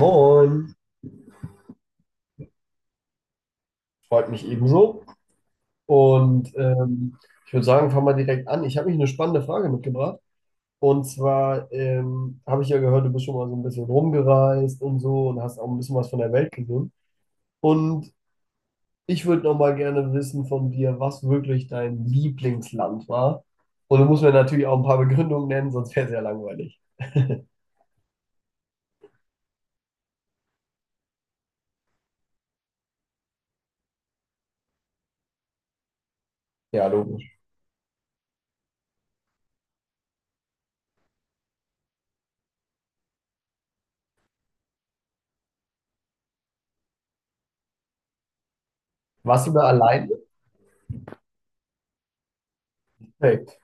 Moin, freut mich ebenso. Und ich würde sagen, fangen wir direkt an. Ich habe mich eine spannende Frage mitgebracht. Und zwar habe ich ja gehört, du bist schon mal so ein bisschen rumgereist und so und hast auch ein bisschen was von der Welt gesehen. Und ich würde noch mal gerne wissen von dir, was wirklich dein Lieblingsland war. Und du musst mir natürlich auch ein paar Begründungen nennen, sonst wäre es ja langweilig. Ja, logisch. Warst du da alleine? Nee.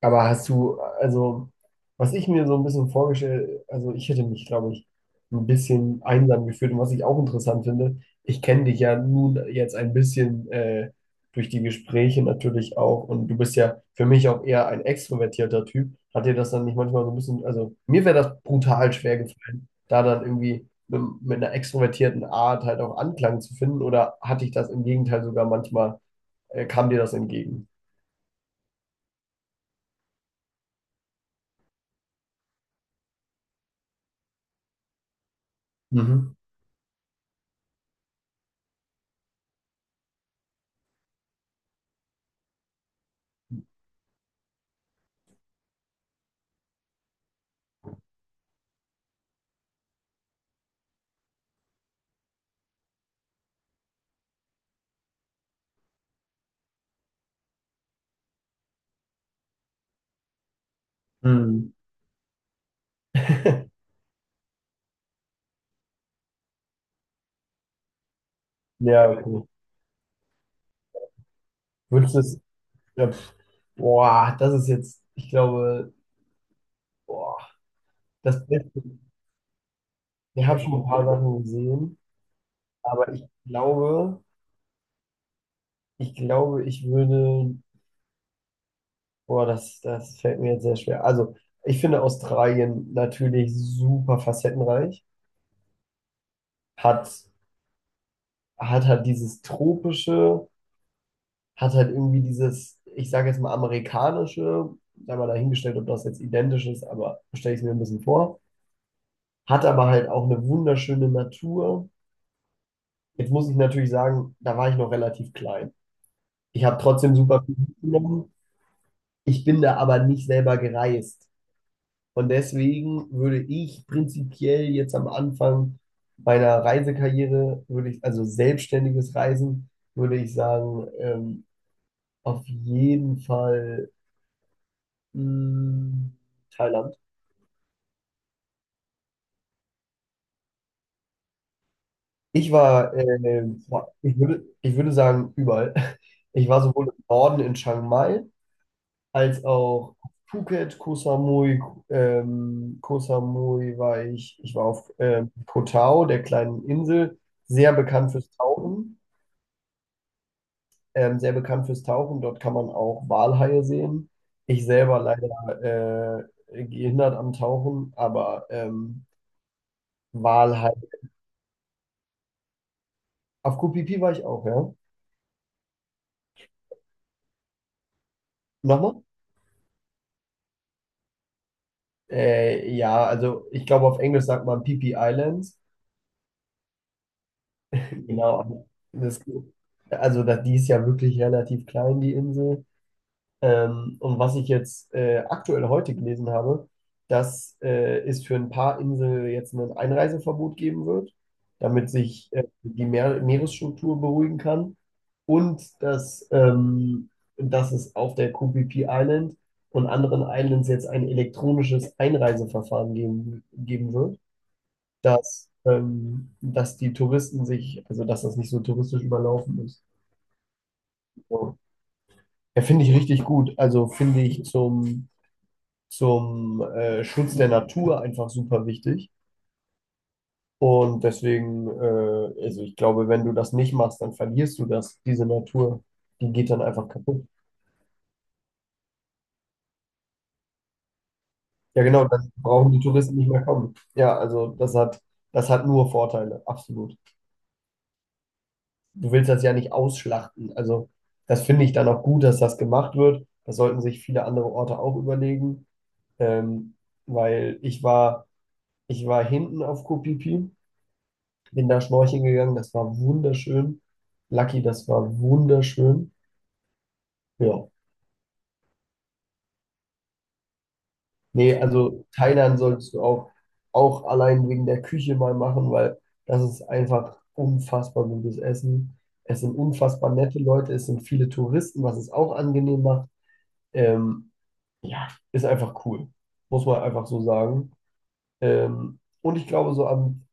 Aber hast du, also, was ich mir so ein bisschen vorgestellt, also ich hätte mich, glaube ich, ein bisschen einsam gefühlt. Und was ich auch interessant finde, ich kenne dich ja nun jetzt ein bisschen durch die Gespräche natürlich auch. Und du bist ja für mich auch eher ein extrovertierter Typ. Hat dir das dann nicht manchmal so ein bisschen, also mir wäre das brutal schwer gefallen, da dann irgendwie mit einer extrovertierten Art halt auch Anklang zu finden. Oder hatte ich das im Gegenteil sogar manchmal, kam dir das entgegen? Mhm. Mhm. Ja, okay. Würdest du es. Ja, pf. Boah, das ist jetzt, ich glaube, boah, das Beste. Ich habe schon ein paar Sachen gesehen, aber ich glaube, ich würde. Boah, das fällt mir jetzt sehr schwer. Also, ich finde Australien natürlich super facettenreich. Hat, hat halt dieses tropische, hat halt irgendwie dieses, ich sage jetzt mal amerikanische, da mal dahingestellt, ob das jetzt identisch ist, aber stelle ich es mir ein bisschen vor. Hat aber halt auch eine wunderschöne Natur. Jetzt muss ich natürlich sagen, da war ich noch relativ klein. Ich habe trotzdem super viel mitgenommen. Ich bin da aber nicht selber gereist. Und deswegen würde ich prinzipiell jetzt am Anfang meiner Reisekarriere, würde ich, also selbstständiges Reisen, würde ich sagen, auf jeden Fall mh, Thailand. Ich war, boah, ich würde sagen, überall. Ich war sowohl im Norden in Chiang Mai, als auch auf Phuket, Koh Samui, Koh Samui war ich, ich war auf Koh Tao, der kleinen Insel, sehr bekannt fürs Tauchen, sehr bekannt fürs Tauchen, dort kann man auch Walhaie sehen. Ich selber leider gehindert am Tauchen, aber Walhaie. Auf Koh Phi Phi war ich auch, ja. Nochmal? Ja, also ich glaube auf Englisch sagt man Phi Phi Islands. Genau, das, also das, die ist ja wirklich relativ klein, die Insel. Und was ich jetzt aktuell heute gelesen habe, dass es für ein paar Inseln jetzt ein Einreiseverbot geben wird, damit sich die Meeresstruktur beruhigen kann. Und dass es auf der QPP Island und anderen Islands jetzt ein elektronisches Einreiseverfahren geben wird, dass die Touristen sich, also dass das nicht so touristisch überlaufen ist. So. Ja, finde ich richtig gut. Also finde ich zum Schutz der Natur einfach super wichtig. Und deswegen, also ich glaube, wenn du das nicht machst, dann verlierst du das, diese Natur. Die geht dann einfach kaputt. Ja, genau, dann brauchen die Touristen nicht mehr kommen. Ja, also das hat nur Vorteile, absolut. Du willst das ja nicht ausschlachten. Also das finde ich dann auch gut, dass das gemacht wird. Das sollten sich viele andere Orte auch überlegen. Ähm, weil ich war, hinten auf Koh Phi Phi bin da schnorcheln gegangen, das war wunderschön. Lucky, das war wunderschön. Ja. Nee, also Thailand solltest du auch allein wegen der Küche mal machen, weil das ist einfach unfassbar gutes Essen. Es sind unfassbar nette Leute, es sind viele Touristen, was es auch angenehm macht. Ähm, ja, ist einfach cool. Muss man einfach so sagen. Und ich glaube, so am,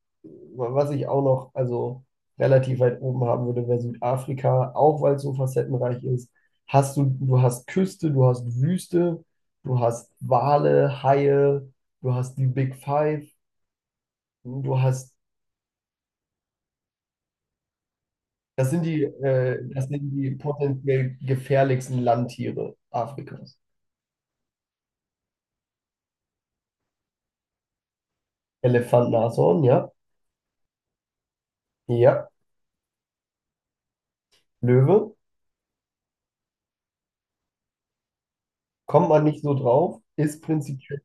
was ich auch noch, also relativ weit oben haben würde, wäre Südafrika, auch weil es so facettenreich ist. Hast du, du hast Küste, du hast Wüste, du hast Wale, Haie, du hast die Big Five, du hast, das sind die potenziell gefährlichsten Landtiere Afrikas. Elefant, Nashorn, ja, ja, Löwe, kommt man nicht so drauf, ist prinzipiell,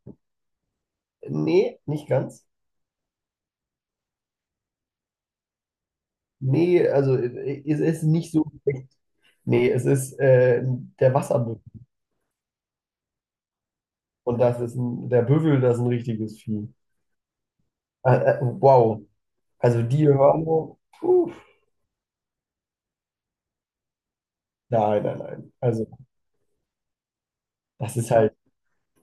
nee, nicht ganz. Nee, also es ist nicht so schlecht. Nee, es ist der Wasserbüffel. Und das ist der Büffel, das ist ein richtiges Vieh. Äh, wow. Also die Hörner, puh. Nein, nein, nein. Also das ist halt,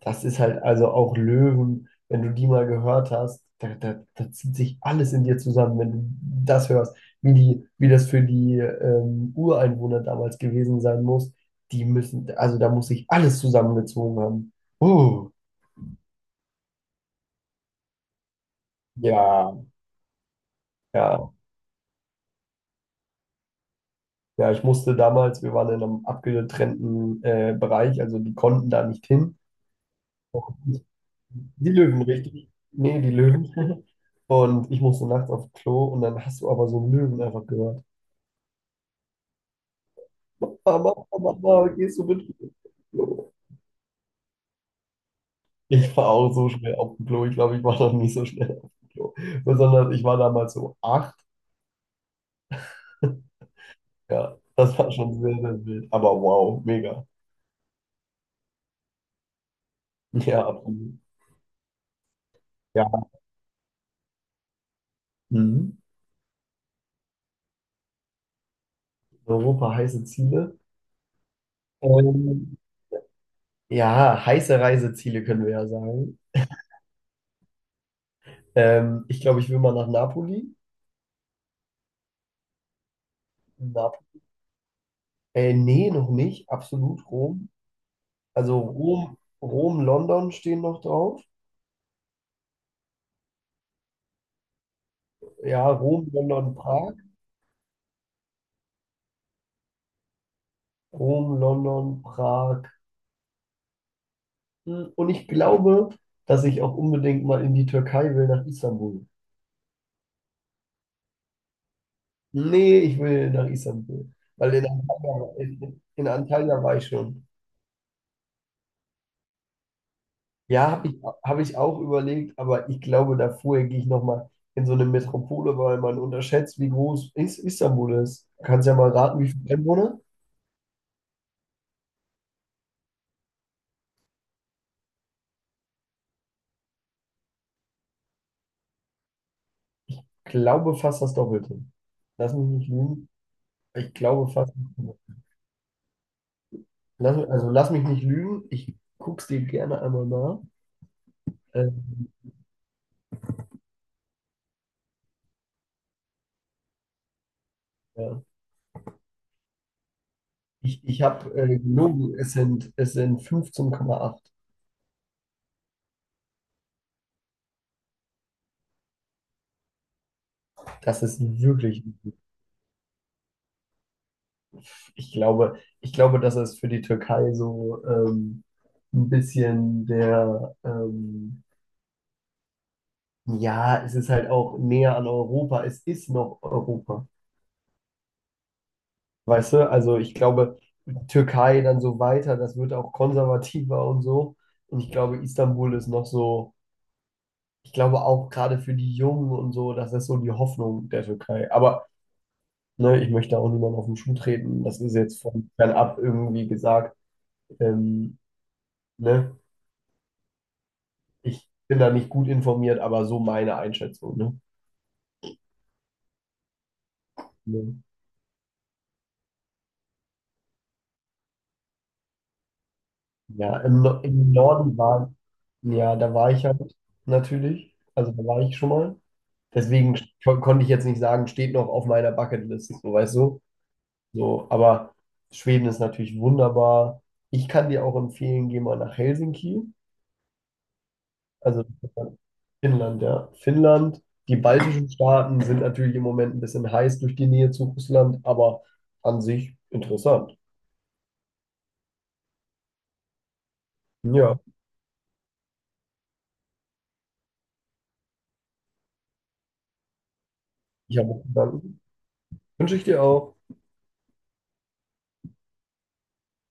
das ist halt, also auch Löwen, wenn du die mal gehört hast, da zieht sich alles in dir zusammen, wenn du das hörst, wie die, wie das für die Ureinwohner damals gewesen sein muss. Die müssen, also da muss sich alles zusammengezogen haben. Uh, ja. Ja, ja, ich musste damals, wir waren in einem abgetrennten Bereich, also die konnten da nicht hin. Die Löwen, richtig? Nee, die Löwen. Und ich musste nachts aufs Klo und dann hast du aber so einen Löwen einfach gehört. Mama, Mama, Mama, gehst du mit aufs Klo? Ich war auch so schnell auf dem Klo. Ich glaube, ich war noch nie so schnell auf dem Klo. Besonders, ich war damals so 8. Ja, das war schon sehr, sehr wild. Aber wow, mega. Ja, absolut. Ja. Mhm. Europa heiße Ziele. Ähm, ja, heiße Reiseziele können wir ja sagen. Ich glaube, ich will mal nach Napoli. Nap nee, noch nicht. Absolut Rom. Also Rom, London stehen noch drauf. Ja, Rom, London, Prag. Rom, London, Prag. Hm. Und ich glaube, dass ich auch unbedingt mal in die Türkei will, nach Istanbul. Nee, ich will nach Istanbul. Weil in Antalya, in Antalya war ich schon. Ja, habe ich, hab ich auch überlegt, aber ich glaube, da vorher gehe ich nochmal in so eine Metropole, weil man unterschätzt, wie groß Istanbul ist. Kannst ja mal raten, wie viele Einwohner? Glaube fast das Doppelte. Lass mich nicht lügen. Ich glaube fast, das Doppelte. Also lass mich nicht lügen. Ich guck's dir gerne einmal nach. Ähm, ja. Ich habe gelogen, es sind 15,8. Das ist wirklich. Ich glaube, dass es für die Türkei so ein bisschen der, ja, es ist halt auch näher an Europa. Es ist noch Europa. Weißt du? Also ich glaube, Türkei dann so weiter, das wird auch konservativer und so. Und ich glaube, Istanbul ist noch so, ich glaube auch gerade für die Jungen und so, das ist so die Hoffnung der Türkei. Aber ne, ich möchte auch niemandem auf den Schuh treten. Das ist jetzt von fernab irgendwie gesagt. Ähm, ne? Ich bin da nicht gut informiert, aber so meine Einschätzung, ne? Ne. Ja, im, No- im Norden war, ja, da war ich halt natürlich. Also da war ich schon mal. Deswegen konnte ich jetzt nicht sagen, steht noch auf meiner Bucketlist, so weißt du. So, aber Schweden ist natürlich wunderbar. Ich kann dir auch empfehlen, geh mal nach Helsinki. Also Finnland, ja. Finnland. Die baltischen Staaten sind natürlich im Moment ein bisschen heiß durch die Nähe zu Russland, aber an sich interessant. Ja. Ich habe zu danken. Wünsche ich dir auch.